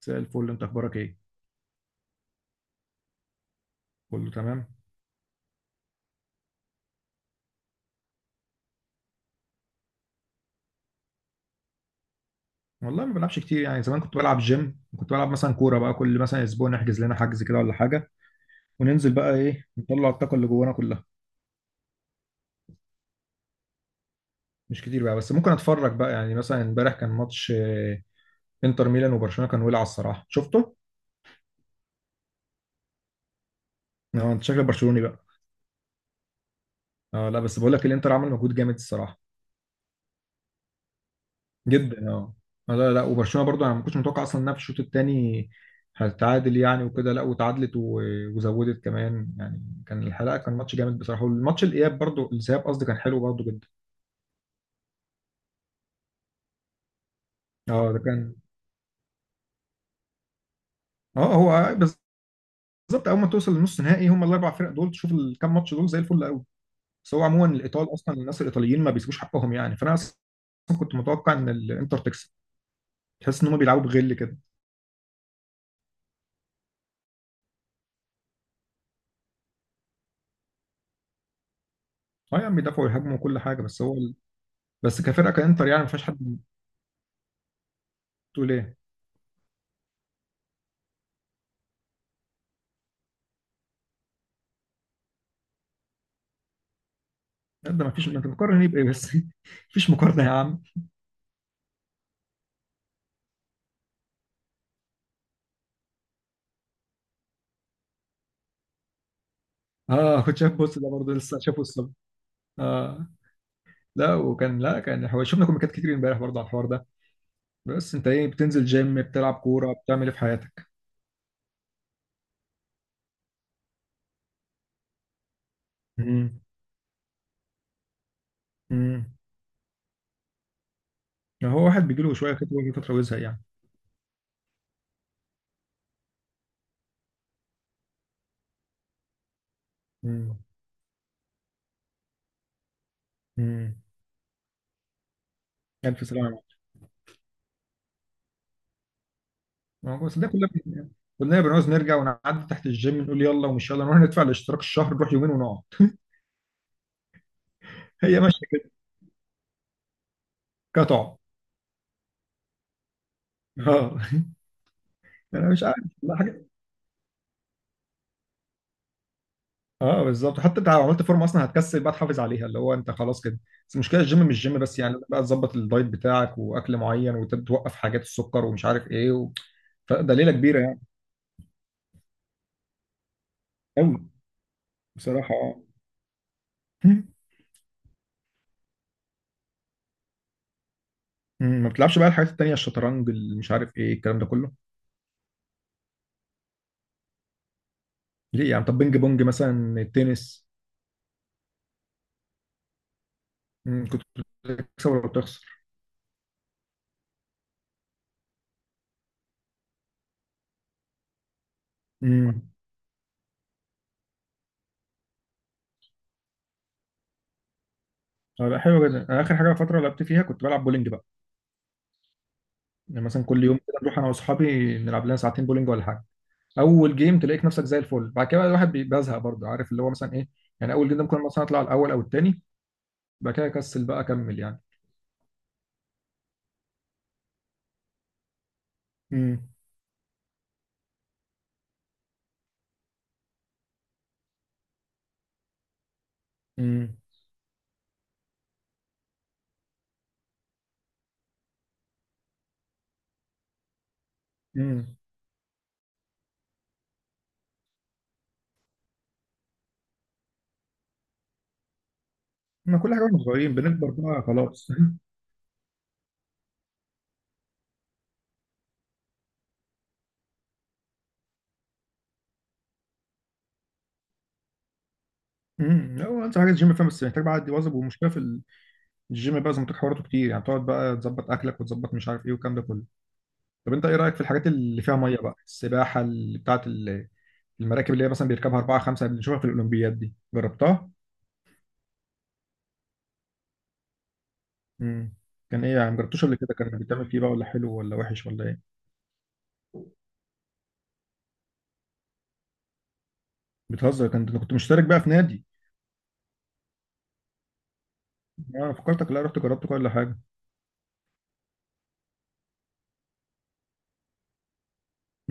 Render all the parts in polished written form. مساء الفل، انت اخبارك ايه؟ كله تمام. والله ما بلعبش كتير، يعني زمان كنت بلعب جيم، كنت بلعب مثلا كوره بقى، كل مثلا اسبوع نحجز لنا حجز كده ولا حاجه وننزل بقى ايه، نطلع الطاقه اللي جوانا كلها. مش كتير بقى، بس ممكن اتفرج بقى، يعني مثلا امبارح كان ماتش انتر ميلان وبرشلونه، كان ولع الصراحه، شفته. اه انت شكلك برشلوني بقى. اه لا، بس بقول لك الانتر عمل مجهود جامد الصراحه. جدا اه. لا، وبرشلونه برضو انا ما كنتش متوقع اصلا انها في الشوط الثاني هتتعادل يعني، وكده لا وتعادلت وزودت كمان، يعني كان الحلقه كان ماتش جامد بصراحه، والماتش الاياب برضو، الذهاب قصدي، كان حلو برضو جدا. اه ده كان، اه هو بالظبط. اول ما توصل لنص نهائي هم الاربع فرق دول، تشوف الكام ماتش دول زي الفل قوي. بس هو عموما الايطال اصلا، الناس الايطاليين ما بيسيبوش حقهم يعني، فانا اصلا كنت متوقع ان الانتر تكسب. تحس ان هم بيلعبوا بغل كده. اه يعني بيدافعوا ويهاجموا وكل حاجه، بس هو، بس كفرقه كانتر يعني ما فيهاش حد تقول ايه. لا ده مفيش، ما انت بتقارن ايه بايه بس مفيش مقارنه يا عم. اه كنت شايف، بص ده برضه لسه شافه الصبح. اه لا وكان، لا كان هو شفنا كوميكات كتير امبارح برضه على الحوار ده. بس انت ايه، بتنزل جيم، بتلعب كوره، بتعمل ايه في حياتك؟ امم. امم. هو واحد بيجي له شويه كده ويجي فتره ويزهق يعني. امم. امم. الف سلامه. ما هو بس ده كلنا كلنا بنعوز نرجع، ونعدي تحت الجيم نقول يلا ومش يلا، نروح ندفع الاشتراك الشهر، نروح يومين ونقعد. هي ماشيه كده. قطع، اه. انا مش عارف لا، اه بالظبط، حتى انت لو عملت فورمه اصلا هتكسل بقى تحافظ عليها، اللي هو انت خلاص كده. بس المشكله الجيم مش جيم بس، يعني بقى تظبط الدايت بتاعك، واكل معين، وتوقف حاجات السكر ومش عارف ايه و... فده ليله كبيره يعني. قوي بصراحه اه. مم. مم. ما بتلعبش بقى الحاجات التانيه، الشطرنج، اللي مش عارف ايه الكلام ده كله؟ ليه يعني؟ طب بينج بونج مثلا، التنس؟ مم. كنت بتكسب ولا بتخسر؟ امم. اه لا حلو جدا، انا اخر حاجه فتره لعبت فيها كنت بلعب بولينج بقى. يعني مثلا كل يوم كده نروح انا واصحابي نلعب لنا ساعتين بولينج ولا حاجه. اول جيم تلاقيك نفسك زي الفل، بعد كده بقى الواحد بيزهق برضه، عارف اللي هو مثلا ايه، يعني اول جيم ده ممكن مثلا اطلع الاول او التاني، بعد كده اكسل بقى اكمل يعني. امم. امم. امم. ما كل حاجه واحنا صغيرين بنكبر بقى خلاص. لا، هو انت حاجه الجيم فاهم، بس محتاج بقى عادي واظب، ومشكله في الجيم بقى زي ما قلت لك حواراته كتير، يعني تقعد بقى تظبط اكلك وتظبط مش عارف ايه والكلام ده كله. طب انت ايه رايك في الحاجات اللي فيها ميه بقى، السباحه، اللي المراكب اللي هي مثلا بيركبها اربعه خمسه، اللي بنشوفها في الاولمبياد، دي جربتها؟ مم. كان ايه يعني؟ مجربتوش قبل كده؟ كان بتعمل فيه بقى ولا حلو ولا وحش ولا ايه؟ بتهزر؟ كنت انا كنت مشترك بقى في نادي. انا فكرتك لا رحت جربت كل حاجه.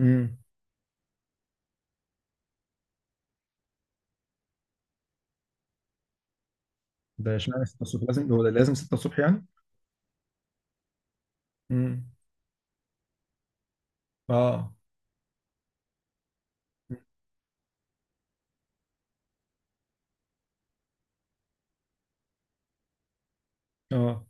امم. ده اشمعنى 6 الصبح؟ لازم هو ده، لازم 6 الصبح يعني؟ امم. اه. اه.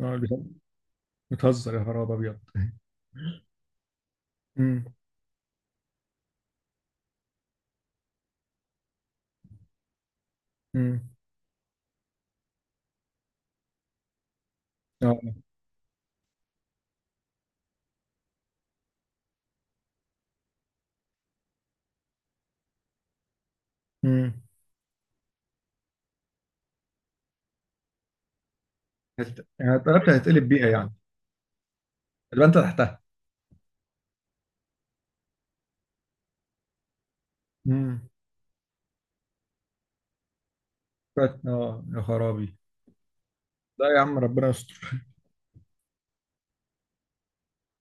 اه بتهزر يا خراب ابيض. امم. امم. اه. امم. يعني اتقلبت هتقلب بيها يعني، يبقى انت تحتها. امم. اه يا خرابي. لا يا عم ربنا يستر.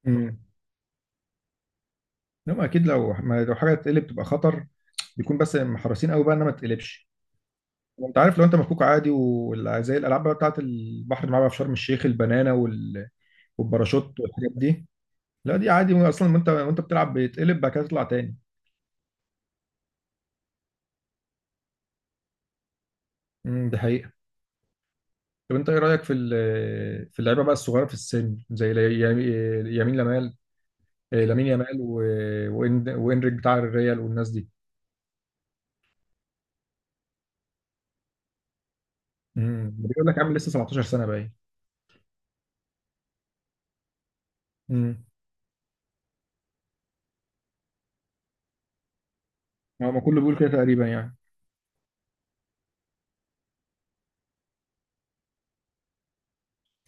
امم. انما اكيد لو ما، لو حاجه تقلب تبقى خطر، بيكون بس محرسين قوي بقى انها ما تقلبش. انت عارف لو انت مفكوك عادي، وزي الالعاب بقى بتاعت البحر اللي معاها في شرم الشيخ، البنانه وال... والباراشوت والحاجات دي، لا دي عادي اصلا، وانت وانت بتلعب بيتقلب بعد كده تطلع تاني. ده حقيقه. طب انت ايه رايك في ال... في اللعيبه بقى الصغيره في السن، زي يمين، يمين لمال، لامين يامال، و... وإن... وانريك بتاع الريال والناس دي. امم. بيقول لك عامل لسه 17 سنه باين. امم. هو ما كله بيقول كده تقريبا يعني.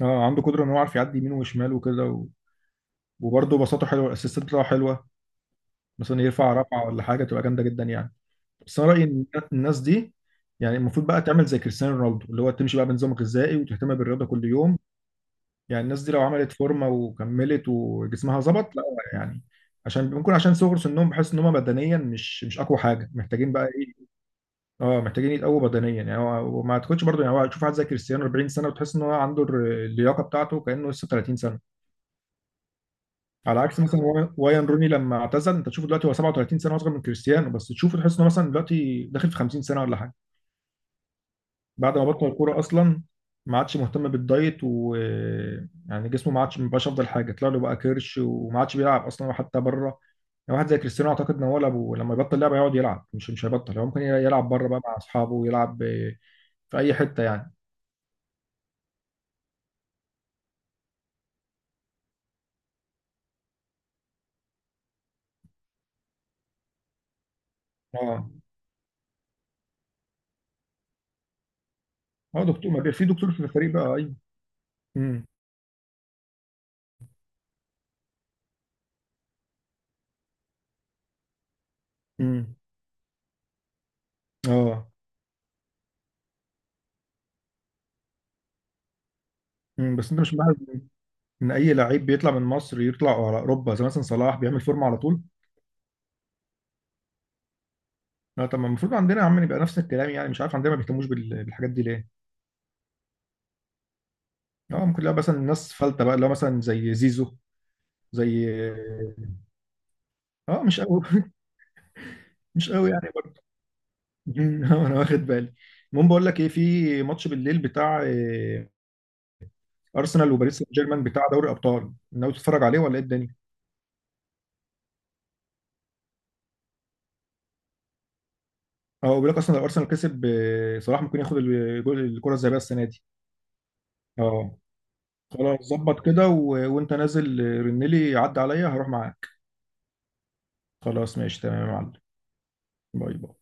اه عنده قدره ان هو عارف يعدي يمين وشمال وكده و... وبرضه بساطته حلوه، الاسيستات بتاعه حلوه، مثلا يرفع رفعه ولا حاجه تبقى جامده جدا يعني. بس انا رايي ان الناس دي، يعني المفروض بقى تعمل زي كريستيانو رونالدو، اللي هو تمشي بقى بنظام غذائي وتهتم بالرياضه كل يوم، يعني الناس دي لو عملت فورمه وكملت وجسمها ظبط لا، يعني عشان ممكن عشان صغر سنهم بحس ان هم بدنيا مش، مش اقوى حاجه، محتاجين بقى ايه. اه محتاجين يتقووا بدنيا، يعني وما تاخدش برضه يعني، هو تشوف واحد زي كريستيانو 40 سنه وتحس ان هو عنده اللياقه بتاعته كانه لسه 30. على عكس مثلا وايان روني، لما اعتزل انت تشوفه دلوقتي هو 37 سنه، اصغر من كريستيانو، بس تشوفه تحس انه مثلا دلوقتي داخل في 50 سنه ولا حاجه. بعد ما بطل الكوره اصلا، ما عادش مهتم بالدايت و، يعني جسمه ما عادش، ما بقاش افضل حاجه، طلع له بقى كرش، وما عادش بيلعب اصلا حتى بره. يعني واحد زي كريستيانو، اعتقد ان هو لما يبطل لعبه يقعد يلعب، مش، مش هيبطل، هو ممكن يلعب بره بقى مع اصحابه ويلعب في اي حته يعني. اه اه دكتور، ما في دكتور في الفريق بقى، ايوه. امم. امم. اه. امم. بس انت مش معاه ان اي لعيب بيطلع من مصر يطلع على اوروبا، زي مثلا صلاح بيعمل فورمه على طول؟ لا طب ما المفروض عندنا يا عم يبقى نفس الكلام يعني، مش عارف عندنا ما بيهتموش بالحاجات دي ليه. اه ممكن لا، مثلا الناس فلتة بقى، اللي هو مثلا زي زيزو، زي، اه مش قوي. مش قوي يعني برضه. انا واخد بالي. المهم بقول لك ايه، في ماتش بالليل بتاع ارسنال وباريس سان جيرمان، بتاع دوري ابطال، ناوي تتفرج عليه ولا ايه الدنيا؟ اه بيقول لك اصلا لو ارسنال كسب صلاح ممكن ياخد الكره الذهبيه السنه دي. اه خلاص، ظبط كده و... وانت نازل رنلي عدى عليا هروح معاك. خلاص ماشي تمام يا معلم. باي باي.